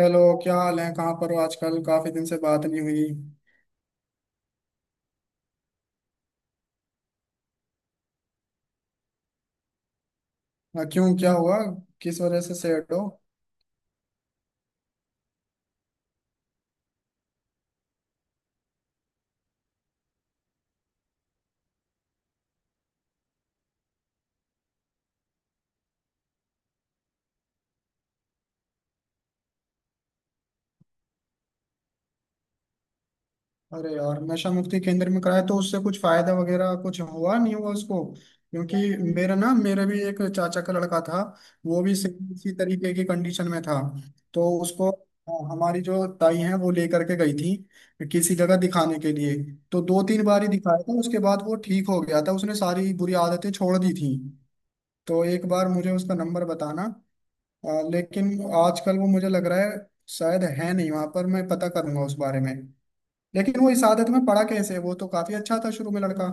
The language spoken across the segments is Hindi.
हेलो, क्या हाल है? कहाँ पर हो आजकल? काफी दिन से बात नहीं हुई। क्यों, क्या हुआ? किस वजह से सैड हो? अरे यार, नशा मुक्ति केंद्र में कराया तो उससे कुछ फायदा वगैरह कुछ हुआ नहीं हुआ उसको? क्योंकि मेरा भी एक चाचा का लड़का था। वो भी सेम इसी तरीके की कंडीशन में था। तो उसको हमारी जो ताई है वो लेकर के गई थी किसी जगह दिखाने के लिए। तो दो तीन बार ही दिखाया था, उसके बाद वो ठीक हो गया था। उसने सारी बुरी आदतें छोड़ दी थी। तो एक बार मुझे उसका नंबर बताना। लेकिन आजकल वो मुझे लग रहा है शायद है नहीं वहां पर। मैं पता करूंगा उस बारे में। लेकिन वो इस आदत में पड़ा कैसे? वो तो काफी अच्छा था शुरू में लड़का।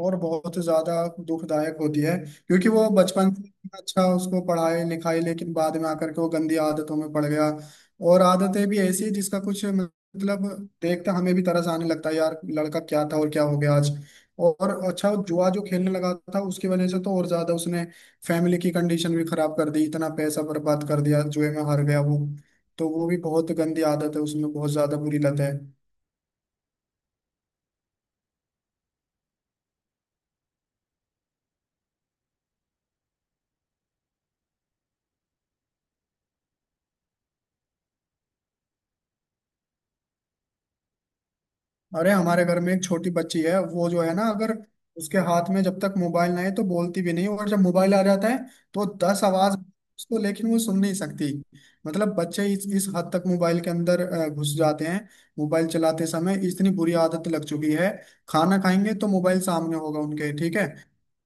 और बहुत ज्यादा दुखदायक होती है, क्योंकि वो बचपन से इतना अच्छा, उसको पढ़ाई लिखाई, लेकिन बाद में आकर के वो गंदी आदतों में पड़ गया। और आदतें भी ऐसी हैं जिसका कुछ मतलब देखता, हमें भी तरस आने लगता है। यार, लड़का क्या था और क्या हो गया आज। और अच्छा, जुआ जो खेलने लगा था उसकी वजह से तो और ज्यादा उसने फैमिली की कंडीशन भी खराब कर दी। इतना पैसा बर्बाद कर दिया, जुए में हार गया वो। तो वो भी बहुत गंदी आदत है, उसमें बहुत ज्यादा बुरी लत है। अरे हमारे घर में एक छोटी बच्ची है, वो जो है ना, अगर उसके हाथ में जब तक मोबाइल ना है तो बोलती भी नहीं, और जब मोबाइल आ जाता है तो दस आवाज उसको, लेकिन वो सुन नहीं सकती। मतलब बच्चे इस हद तक मोबाइल के अंदर घुस जाते हैं। मोबाइल चलाते समय इतनी बुरी आदत लग चुकी है। खाना खाएंगे तो मोबाइल सामने होगा उनके, ठीक है?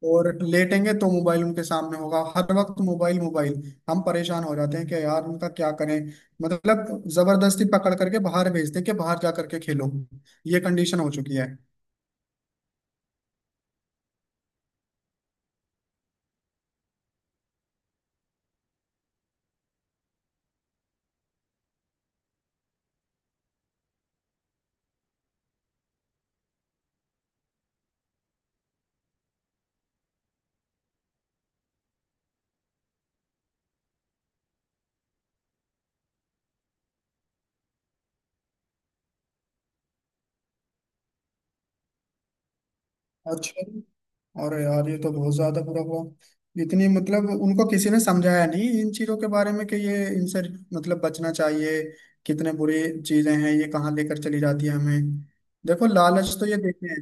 और लेटेंगे तो मोबाइल उनके सामने होगा। हर वक्त मोबाइल मोबाइल। हम परेशान हो जाते हैं कि यार उनका क्या करें। मतलब जबरदस्ती पकड़ करके बाहर भेजते हैं कि बाहर जा करके खेलो। ये कंडीशन हो चुकी है। अच्छा। और यार, ये तो बहुत ज्यादा बुरा हुआ। इतनी, मतलब उनको किसी ने समझाया नहीं इन चीजों के बारे में कि ये इनसे मतलब बचना चाहिए। कितने बुरी चीजें हैं, ये कहाँ लेकर चली जाती है हमें। देखो, लालच तो ये देते हैं।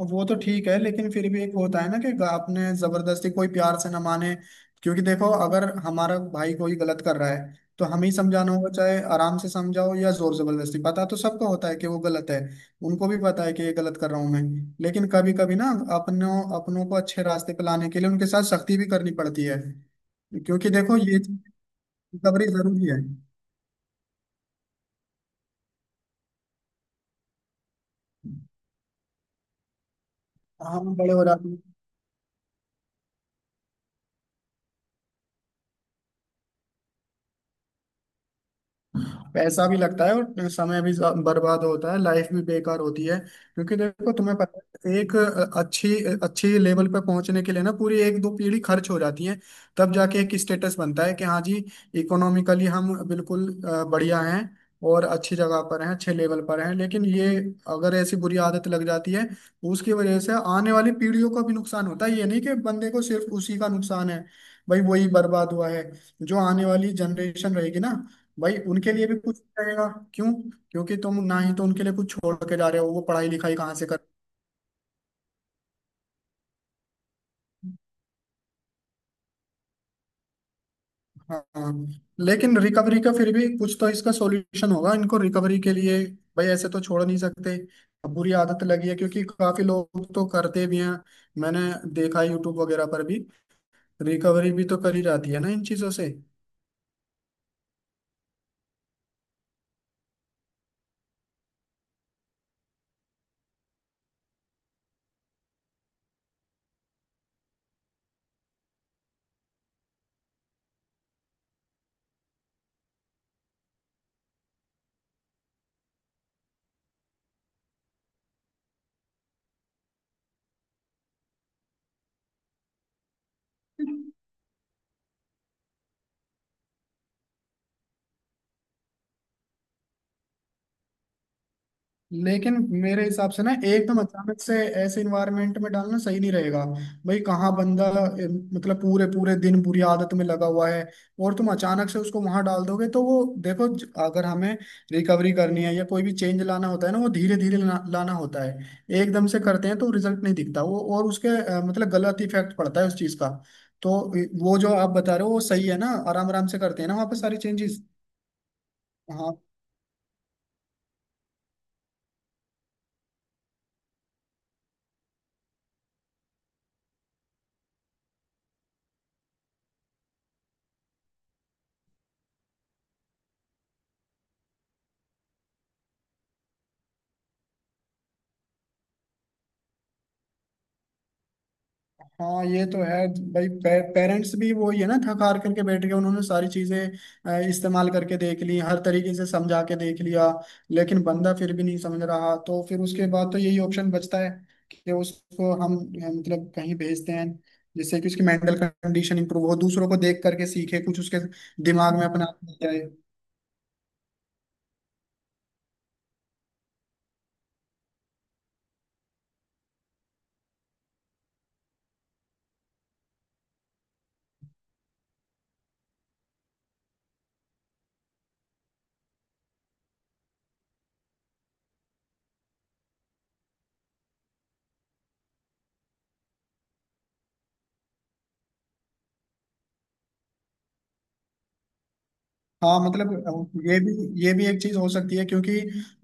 अब वो तो ठीक है, लेकिन फिर भी एक होता है ना कि आपने जबरदस्ती, कोई प्यार से ना माने, क्योंकि देखो, अगर हमारा भाई कोई गलत कर रहा है तो हमें ही समझाना होगा, चाहे आराम से समझाओ या जोर जबरदस्ती। पता तो सबको होता है कि वो गलत है। उनको भी पता है कि ये गलत कर रहा हूं मैं। लेकिन कभी कभी ना अपनों अपनों को अच्छे रास्ते पे लाने के लिए उनके साथ सख्ती भी करनी पड़ती है। क्योंकि देखो, ये रिकवरी जरूरी है। हम बड़े हो जाते हैं। पैसा भी लगता है और समय भी बर्बाद होता है, लाइफ भी बेकार होती है। क्योंकि देखो, तुम्हें पता है, एक अच्छी अच्छी लेवल पर पहुंचने के लिए ना पूरी एक दो पीढ़ी खर्च हो जाती है। तब जाके एक स्टेटस बनता है कि हाँ जी, इकोनॉमिकली हम बिल्कुल बढ़िया हैं और अच्छी जगह पर हैं, अच्छे लेवल पर हैं। लेकिन ये, अगर ऐसी बुरी आदत लग जाती है, उसकी वजह से आने वाली पीढ़ियों का भी नुकसान होता है। ये नहीं कि बंदे को सिर्फ उसी का नुकसान है, भाई वही बर्बाद हुआ है। जो आने वाली जनरेशन रहेगी ना, भाई उनके लिए भी कुछ रहेगा? क्यों? क्योंकि तुम ना ही तो उनके लिए कुछ छोड़ के जा रहे हो। वो पढ़ाई लिखाई कहाँ से कर। हाँ हाँ। लेकिन रिकवरी का फिर भी कुछ तो इसका सॉल्यूशन होगा इनको रिकवरी के लिए। भाई ऐसे तो छोड़ नहीं सकते। अब बुरी आदत लगी है, क्योंकि काफी लोग तो करते भी हैं। मैंने देखा यूट्यूब वगैरह पर भी रिकवरी भी तो करी जाती है ना इन चीजों से। लेकिन मेरे हिसाब से ना एकदम अचानक से ऐसे इन्वायरमेंट में डालना सही नहीं रहेगा। भाई कहाँ बंदा ए, मतलब पूरे पूरे दिन बुरी आदत में लगा हुआ है, और तुम अचानक से उसको वहां डाल दोगे तो वो, देखो, अगर हमें रिकवरी करनी है या कोई भी चेंज लाना होता है ना, वो धीरे धीरे लाना होता है। एकदम से करते हैं तो रिजल्ट नहीं दिखता वो, और उसके मतलब गलत इफेक्ट पड़ता है उस चीज का। तो वो जो आप बता रहे हो वो सही है ना, आराम आराम से करते हैं ना वहाँ पे सारी चेंजेस। हाँ ये तो है। भाई पेरेंट्स भी वो ही है ना, थक हार करके बैठ गए। उन्होंने सारी चीजें इस्तेमाल करके देख ली, हर तरीके से समझा के देख लिया, लेकिन बंदा फिर भी नहीं समझ रहा। तो फिर उसके बाद तो यही ऑप्शन बचता है कि उसको हम मतलब कहीं भेजते हैं जिससे कि उसकी मेंटल कंडीशन इंप्रूव हो, दूसरों को देख करके सीखे कुछ, उसके दिमाग में अपना आप जाए। हाँ मतलब, ये भी ये भी एक चीज हो सकती है। क्योंकि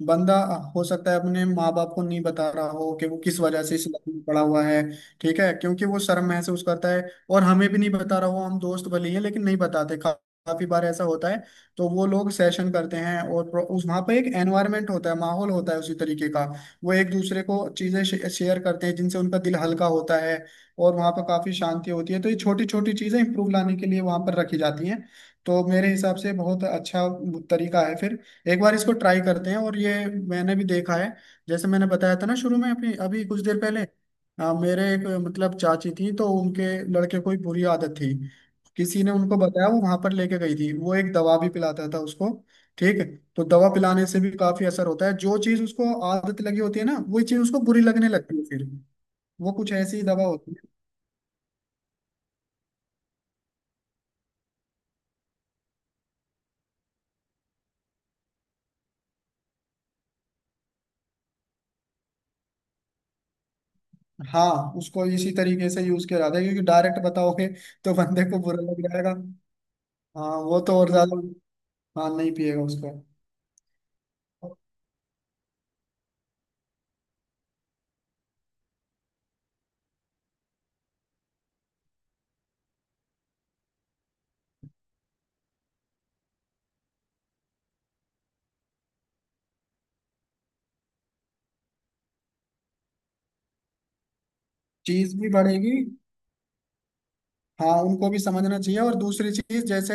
बंदा, हो सकता है अपने माँ बाप को नहीं बता रहा हो कि वो किस वजह से इस लाइन में पड़ा हुआ है। ठीक है, क्योंकि वो शर्म महसूस करता है, और हमें भी नहीं बता रहा हो। हम दोस्त भले ही हैं, लेकिन नहीं बताते काफी बार ऐसा होता है। तो वो लोग सेशन करते हैं और उस वहाँ पे एक एनवायरनमेंट होता है, माहौल होता है उसी तरीके का। वो एक दूसरे को चीजें शेयर करते हैं जिनसे उनका दिल हल्का होता है। और वहाँ पर काफी शांति होती है। तो ये छोटी छोटी चीजें इंप्रूव लाने के लिए वहाँ पर रखी जाती हैं। तो मेरे हिसाब से बहुत अच्छा तरीका है। फिर एक बार इसको ट्राई करते हैं। और ये मैंने भी देखा है, जैसे मैंने बताया था ना शुरू में अपनी, अभी कुछ देर पहले, मेरे एक मतलब चाची थी, तो उनके लड़के को एक बुरी आदत थी। किसी ने उनको बताया, वो वहां पर लेके गई थी, वो एक दवा भी पिलाता था उसको। ठीक है। तो दवा पिलाने से भी काफी असर होता है। जो चीज उसको आदत लगी होती है ना, वही चीज उसको बुरी लगने लगती है फिर। वो कुछ ऐसी दवा होती है। हाँ, उसको इसी तरीके से यूज किया जाता है, क्योंकि डायरेक्ट बताओगे तो बंदे को बुरा लग जाएगा। हाँ वो तो और ज्यादा। हाँ नहीं पिएगा उसको। चीज भी बढ़ेगी। हाँ उनको भी समझना चाहिए। और दूसरी चीज जैसे,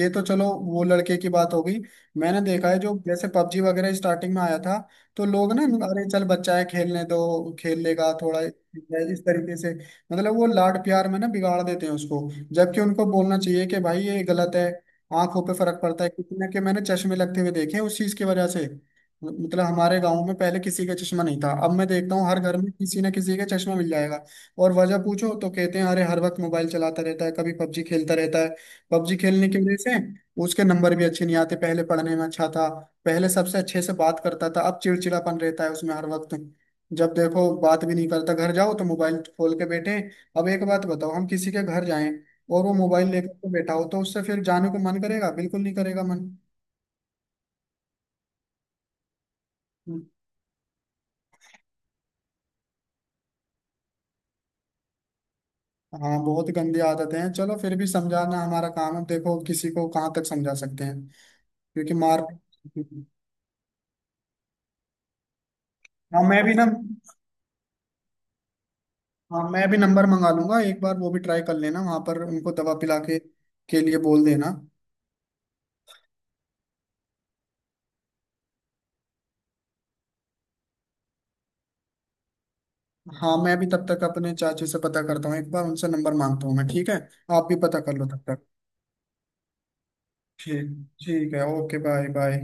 ये तो चलो वो लड़के की बात हो गई। मैंने देखा है, जो जैसे पबजी वगैरह स्टार्टिंग में आया था, तो लोग ना, अरे चल बच्चा है खेलने दो, खेल लेगा थोड़ा, इस तरीके से मतलब वो लाड प्यार में ना बिगाड़ देते हैं उसको। जबकि उनको बोलना चाहिए कि भाई ये गलत है। आंखों पे फर्क पड़ता है। कितने के मैंने चश्मे लगते हुए देखे हैं उस चीज की वजह से। मतलब हमारे गांव में पहले किसी का चश्मा नहीं था, अब मैं देखता हूँ हर घर में किसी ना किसी का चश्मा मिल जाएगा। और वजह पूछो तो कहते हैं अरे, हर वक्त मोबाइल चलाता रहता है, कभी पबजी खेलता रहता है। पबजी खेलने की वजह से उसके नंबर भी अच्छे नहीं आते। पहले पढ़ने में अच्छा था, पहले सबसे अच्छे से बात करता था। अब चिड़चिड़ापन रहता है उसमें हर वक्त। जब देखो बात भी नहीं करता, घर जाओ तो मोबाइल खोल के बैठे हैं। अब एक बात बताओ, हम किसी के घर जाएं और वो मोबाइल लेकर के बैठा हो, तो उससे फिर जाने को मन करेगा? बिल्कुल नहीं करेगा मन। हाँ बहुत गंदी आदतें हैं। चलो फिर भी समझाना हमारा काम है, देखो किसी को कहाँ तक समझा सकते हैं। क्योंकि मार, हाँ मैं भी ना, हाँ मैं भी नंबर मंगा लूंगा एक बार। वो भी ट्राई कर लेना वहां पर उनको दवा पिला के लिए बोल देना। हाँ मैं भी तब तक अपने चाचू से पता करता हूँ, एक बार उनसे नंबर मांगता हूँ मैं, ठीक है? आप भी पता कर लो तब तक। ठीक। ठीक है, ओके बाय बाय।